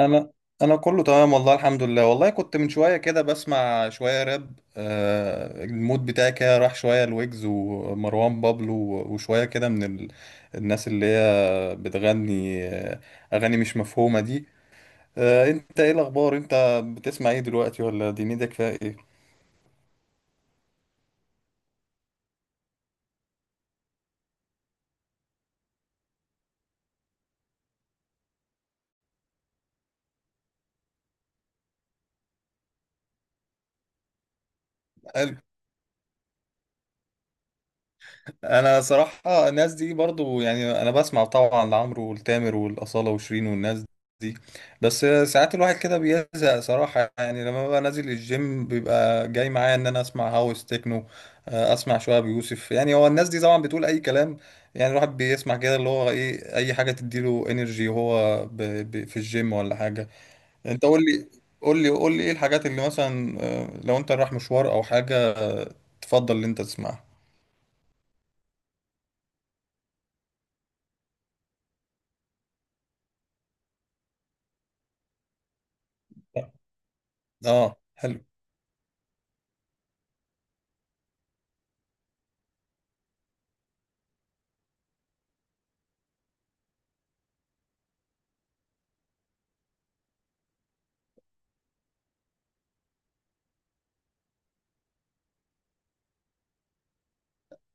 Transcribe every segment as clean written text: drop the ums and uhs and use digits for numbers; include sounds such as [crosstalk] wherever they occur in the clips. انا انا كله تمام والله، الحمد لله. والله كنت من شويه كده بسمع شويه راب، المود بتاعي كده راح شويه، لويجز ومروان بابلو، وشويه كده من الناس اللي هي بتغني اغاني مش مفهومه دي. انت ايه الاخبار؟ انت بتسمع ايه دلوقتي؟ ولا دنيتك فيها ايه؟ انا صراحة الناس دي برضو، يعني انا بسمع طبعا لعمرو والتامر والاصالة وشيرين والناس دي، بس ساعات الواحد كده بيزهق صراحة. يعني لما ببقى نازل الجيم بيبقى جاي معايا ان انا اسمع هاوس تكنو، اسمع شوية بيوسف. يعني هو الناس دي طبعا بتقول اي كلام، يعني الواحد بيسمع كده اللي هو ايه، اي حاجة تديله انرجي وهو في الجيم ولا حاجة. انت قول لي، قول لي ايه الحاجات اللي مثلا، لو انت رايح مشوار او حاجة تفضل ان انت تسمعها. اه حلو.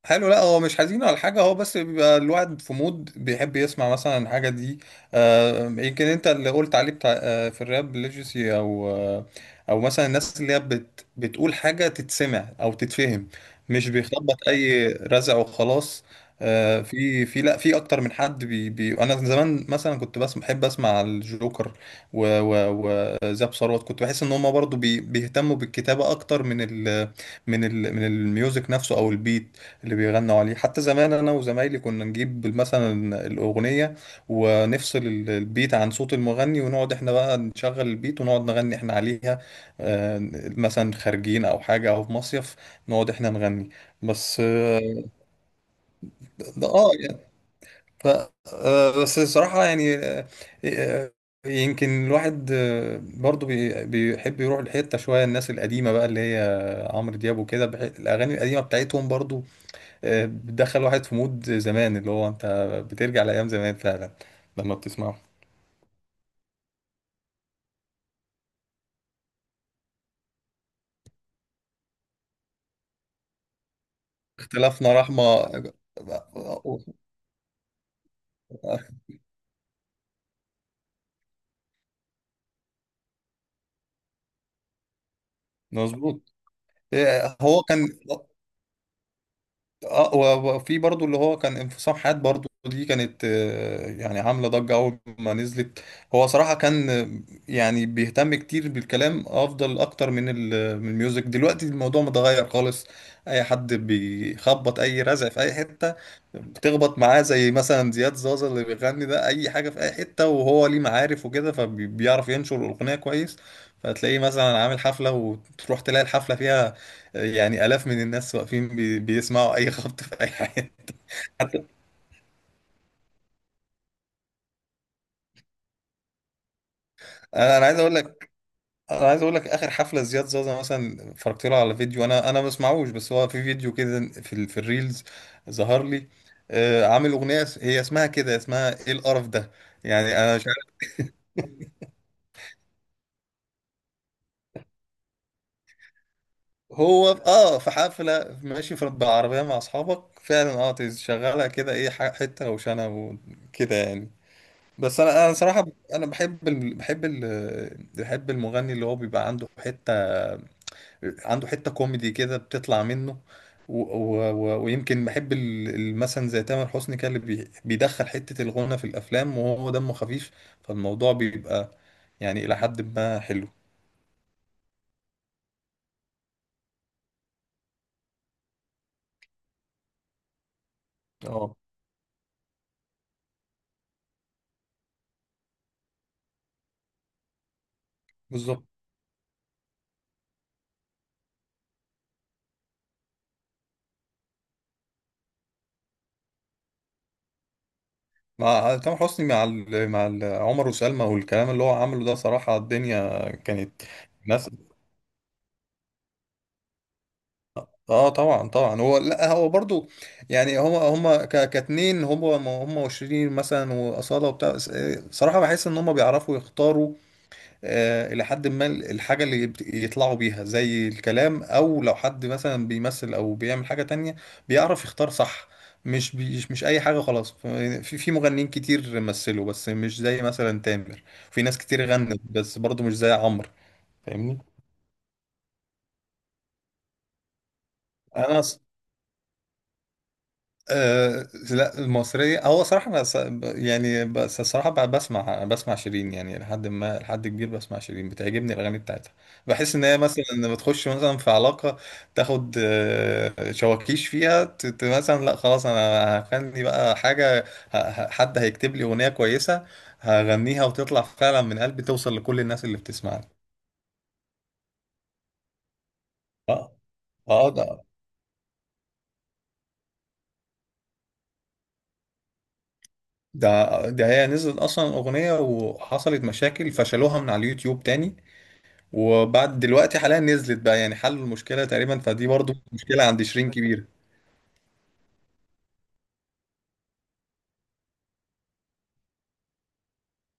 حلو. لا هو مش حزين ولا حاجة، هو بس بيبقى الواحد في مود بيحب يسمع مثلا الحاجة دي. آه يمكن انت اللي قلت عليه بتاع، في الراب ليجسي، او او مثلا الناس اللي هي بتقول حاجة تتسمع او تتفهم، مش بيخبط اي رزع وخلاص. في في لا في اكتر من حد بي بي انا زمان مثلا كنت بس بحب اسمع الجوكر وزاب ثروت، كنت بحس ان هم برضو بيهتموا بالكتابة اكتر من ال من الميوزك نفسه او البيت اللي بيغنوا عليه. حتى زمان انا وزمايلي كنا نجيب مثلا الاغنيه ونفصل البيت عن صوت المغني ونقعد احنا بقى نشغل البيت ونقعد نغني احنا عليها، آه، مثلا خارجين او حاجه او في مصيف نقعد احنا نغني. بس اه. يعني ف بس الصراحه يعني آه، يمكن الواحد برضو بيحب يروح لحته شويه الناس القديمه بقى اللي هي عمرو دياب وكده، الاغاني القديمه بتاعتهم برضو بتدخل واحد في مود زمان اللي هو انت بترجع لايام زمان فعلا لما بتسمعه. اختلافنا رحمه. مظبوط. هو كان اه وفي برضو اللي هو كان انفصام حاد برضو، دي كانت يعني عامله ضجه اول ما نزلت. هو صراحه كان، يعني بيهتم كتير بالكلام افضل اكتر من من الميوزك. دلوقتي الموضوع متغير خالص، اي حد بيخبط اي رزع في اي حته بتخبط معاه. زي مثلا زياد زازا اللي بيغني ده اي حاجه في اي حته، وهو ليه معارف وكده، فبيعرف ينشر الاغنيه كويس، فتلاقيه مثلا عامل حفله، وتروح تلاقي الحفله فيها يعني آلاف من الناس واقفين بيسمعوا أي خبط في أي حاجة. حتى أنا عايز أقول لك، آخر حفلة زياد زازا مثلا اتفرجت له على فيديو. أنا ما بسمعوش، بس هو في فيديو كده في في الريلز ظهر لي. آه عامل أغنية هي اسمها كده، اسمها إيه القرف ده، يعني أنا مش عارف. هو في- آه في حفلة ماشي، في بالعربية مع أصحابك فعلا، آه تشغلها كده إيه حتة روشنة وكده يعني. بس انا صراحه انا بحب المغني اللي هو بيبقى عنده حته، عنده حته كوميدي كده بتطلع منه. ويمكن بحب مثلا زي تامر حسني كده اللي بيدخل حته الغنى في الافلام وهو دمه خفيف، فالموضوع بيبقى يعني الى حد ما حلو. اه بالظبط. مع تامر حسني مع عمر وسلمى والكلام اللي هو عمله ده، صراحه الدنيا كانت ناس. اه طبعا طبعا. هو لا هو برضو، يعني هما كاتنين، هما هما وشيرين مثلا واصاله وبتاع صراحه بحس ان هما بيعرفوا يختاروا آه الى حد ما الحاجه اللي يطلعوا بيها، زي الكلام او لو حد مثلا بيمثل او بيعمل حاجه تانية بيعرف يختار صح، مش اي حاجه خلاص. في في مغنيين كتير مثلوا بس مش زي مثلا تامر، في ناس كتير غنت بس برضو مش زي عمرو. فاهمني. انا أه لا المصرية هو صراحة أنا يعني بس الصراحة بسمع شيرين يعني لحد ما لحد كبير. بسمع شيرين، بتعجبني الأغاني بتاعتها. بحس إن هي مثلا لما بتخش مثلا في علاقة، تاخد شواكيش فيها مثلا لا خلاص أنا هغني بقى حاجة، حد هيكتب لي أغنية كويسة هغنيها وتطلع فعلا من قلبي، توصل لكل الناس اللي بتسمعني. اه. اه ده. ده. ده هي نزلت أصلا أغنية وحصلت مشاكل فشلوها من على اليوتيوب تاني، وبعد دلوقتي حاليا نزلت بقى يعني حلوا المشكلة تقريبا. فدي برضو مشكلة عند شيرين كبيرة.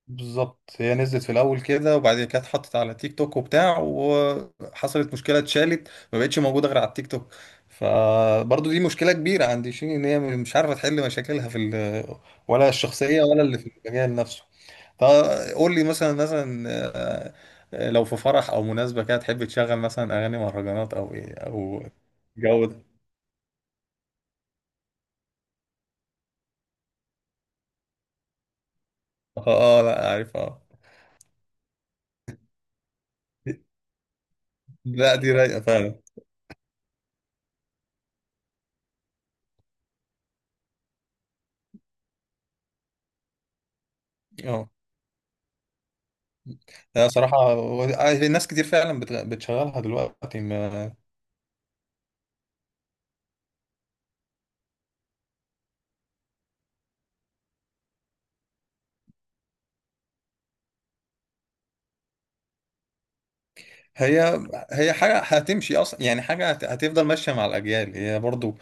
بالظبط، هي نزلت في الأول كده، وبعدين كانت اتحطت على تيك توك وبتاع، وحصلت مشكلة، اتشالت، ما بقتش موجودة غير على التيك توك. فبرضو دي مشكلة كبيرة عند شيرين إن هي مش عارفة تحل مشاكلها في ولا الشخصية ولا اللي في المجال نفسه. فقول لي مثلا آه، لو في فرح أو مناسبة كده تحب تشغل مثلا أغاني مهرجانات أو إيه أو جو ده؟ اه. لا عارف اه. لا دي رايقة فعلا. اه. لا صراحة ناس كتير فعلا بتشغلها دلوقتي ما هي. هي حاجة هتمشي أصلا، يعني حاجة هتفضل ماشية مع الأجيال هي برضو.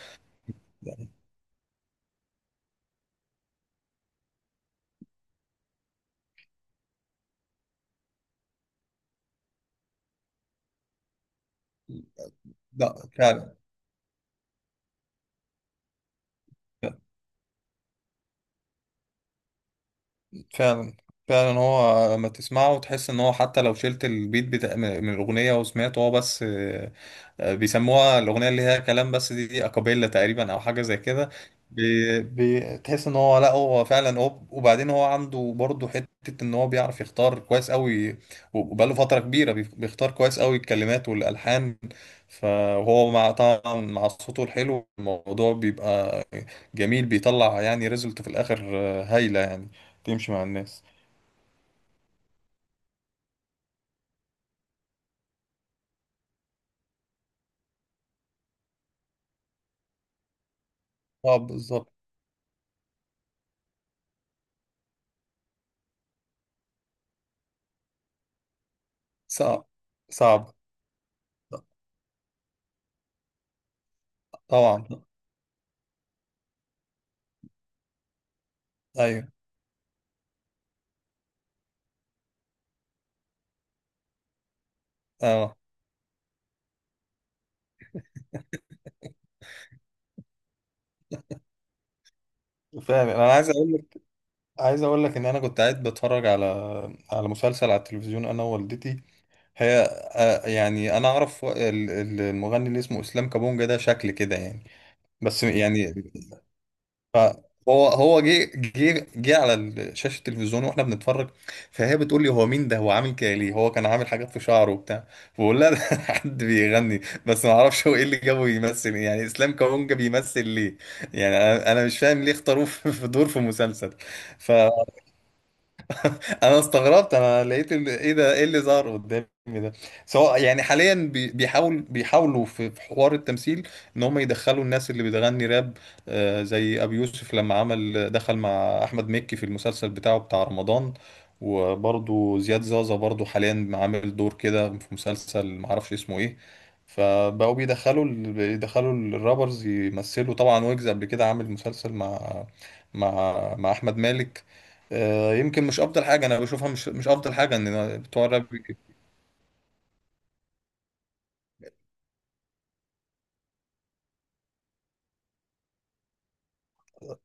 لا فعلا. فعلا فعلا هو لما تسمعه وتحس إن هو حتى لو شلت البيت بتاع من الأغنية وسمعته هو بس، بيسموها الأغنية اللي هي كلام بس دي، دي أكابيلا تقريبا أو حاجة زي كده. بي- بتحس إن هو لا هو فعلا. هو وبعدين هو عنده برضه حتة إن هو بيعرف يختار كويس أوي، وبقاله فترة كبيرة بيختار كويس أوي الكلمات والألحان، فهو مع طبعا مع صوته الحلو الموضوع بيبقى جميل، بيطلع يعني ريزلت في الآخر هايلة يعني. تمشي مع الناس. صعب. بالظبط. صعب. صعب. طبعا. أيوه. أه. فاهم. انا عايز اقول عايز اقول لك ان انا كنت قاعد بتفرج على، على مسلسل على التلفزيون انا ووالدتي. هي، يعني انا اعرف المغني اللي اسمه اسلام كابونجا، ده شكل كده يعني. بس يعني. ف- هو جه على شاشه التلفزيون واحنا بنتفرج، فهي بتقول لي هو مين ده؟ هو عامل كده ليه؟ هو كان عامل حاجات في شعره وبتاع. بقول لها ده [laughs] حد بيغني. بس ما اعرفش هو ايه اللي جابه يمثل يعني. اسلام كابونجا بيمثل ليه؟ يعني انا مش فاهم ليه اختاروه [laughs] في في دور في مسلسل. انا استغربت، انا لقيت ايه ده؟ ايه اللي ظهر قدامي ده؟ سواء يعني حاليا بيحاولوا في في حوار التمثيل ان هم يدخلوا الناس اللي بتغني راب، زي ابي يوسف لما عمل دخل مع احمد مكي في المسلسل بتاعه بتاع رمضان. وبرضو زياد زازا برضو حاليا عامل دور كده في مسلسل معرفش اسمه ايه، فبقوا بيدخلوا بيدخلوا الرابرز يمثلوا طبعا. ويجز قبل كده عامل مسلسل مع مع احمد مالك. يمكن مش افضل حاجه انا بشوفها، مش مش افضل حاجه ان بتوع الراب.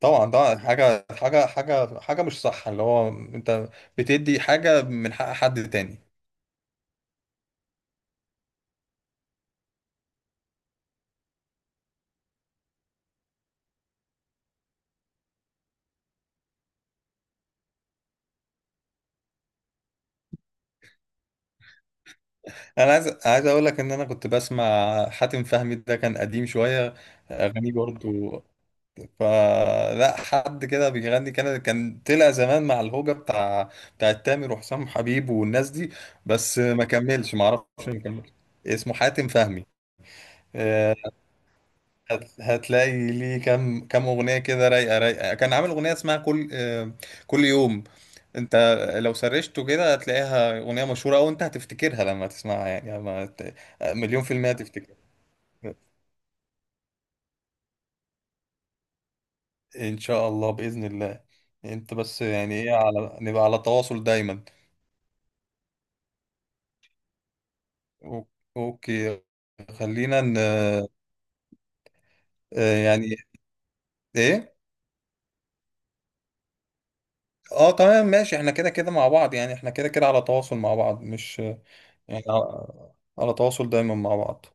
طبعا ده حاجه مش صح، اللي هو انت بتدي حاجه من حق حد تاني. انا عايز عايز اقول لك ان انا كنت بسمع حاتم فهمي، ده كان قديم شويه. اغانيه برضو فلا، حد كده بيغني، كان كان طلع زمان مع الهوجه بتاع، بتاع تامر وحسام حبيب والناس دي، بس ما كملش ما اعرفش ما كملش. اسمه حاتم فهمي. آه، هتلاقي ليه كام كام اغنيه كده رايقه رايقه. كان عامل اغنيه اسمها كل، كل يوم. انت لو سرشته كده هتلاقيها اغنيه مشهوره، او انت هتفتكرها لما تسمعها يعني لما 1000000% هتفتكرها. ان شاء الله باذن الله. انت بس يعني ايه على نبقى على تواصل دايما. أو- اوكي. خلينا ن... آه، يعني ايه. اه تمام ماشي، احنا كده كده مع بعض، يعني احنا كده كده على تواصل مع بعض، مش يعني على على تواصل دايما مع بعض.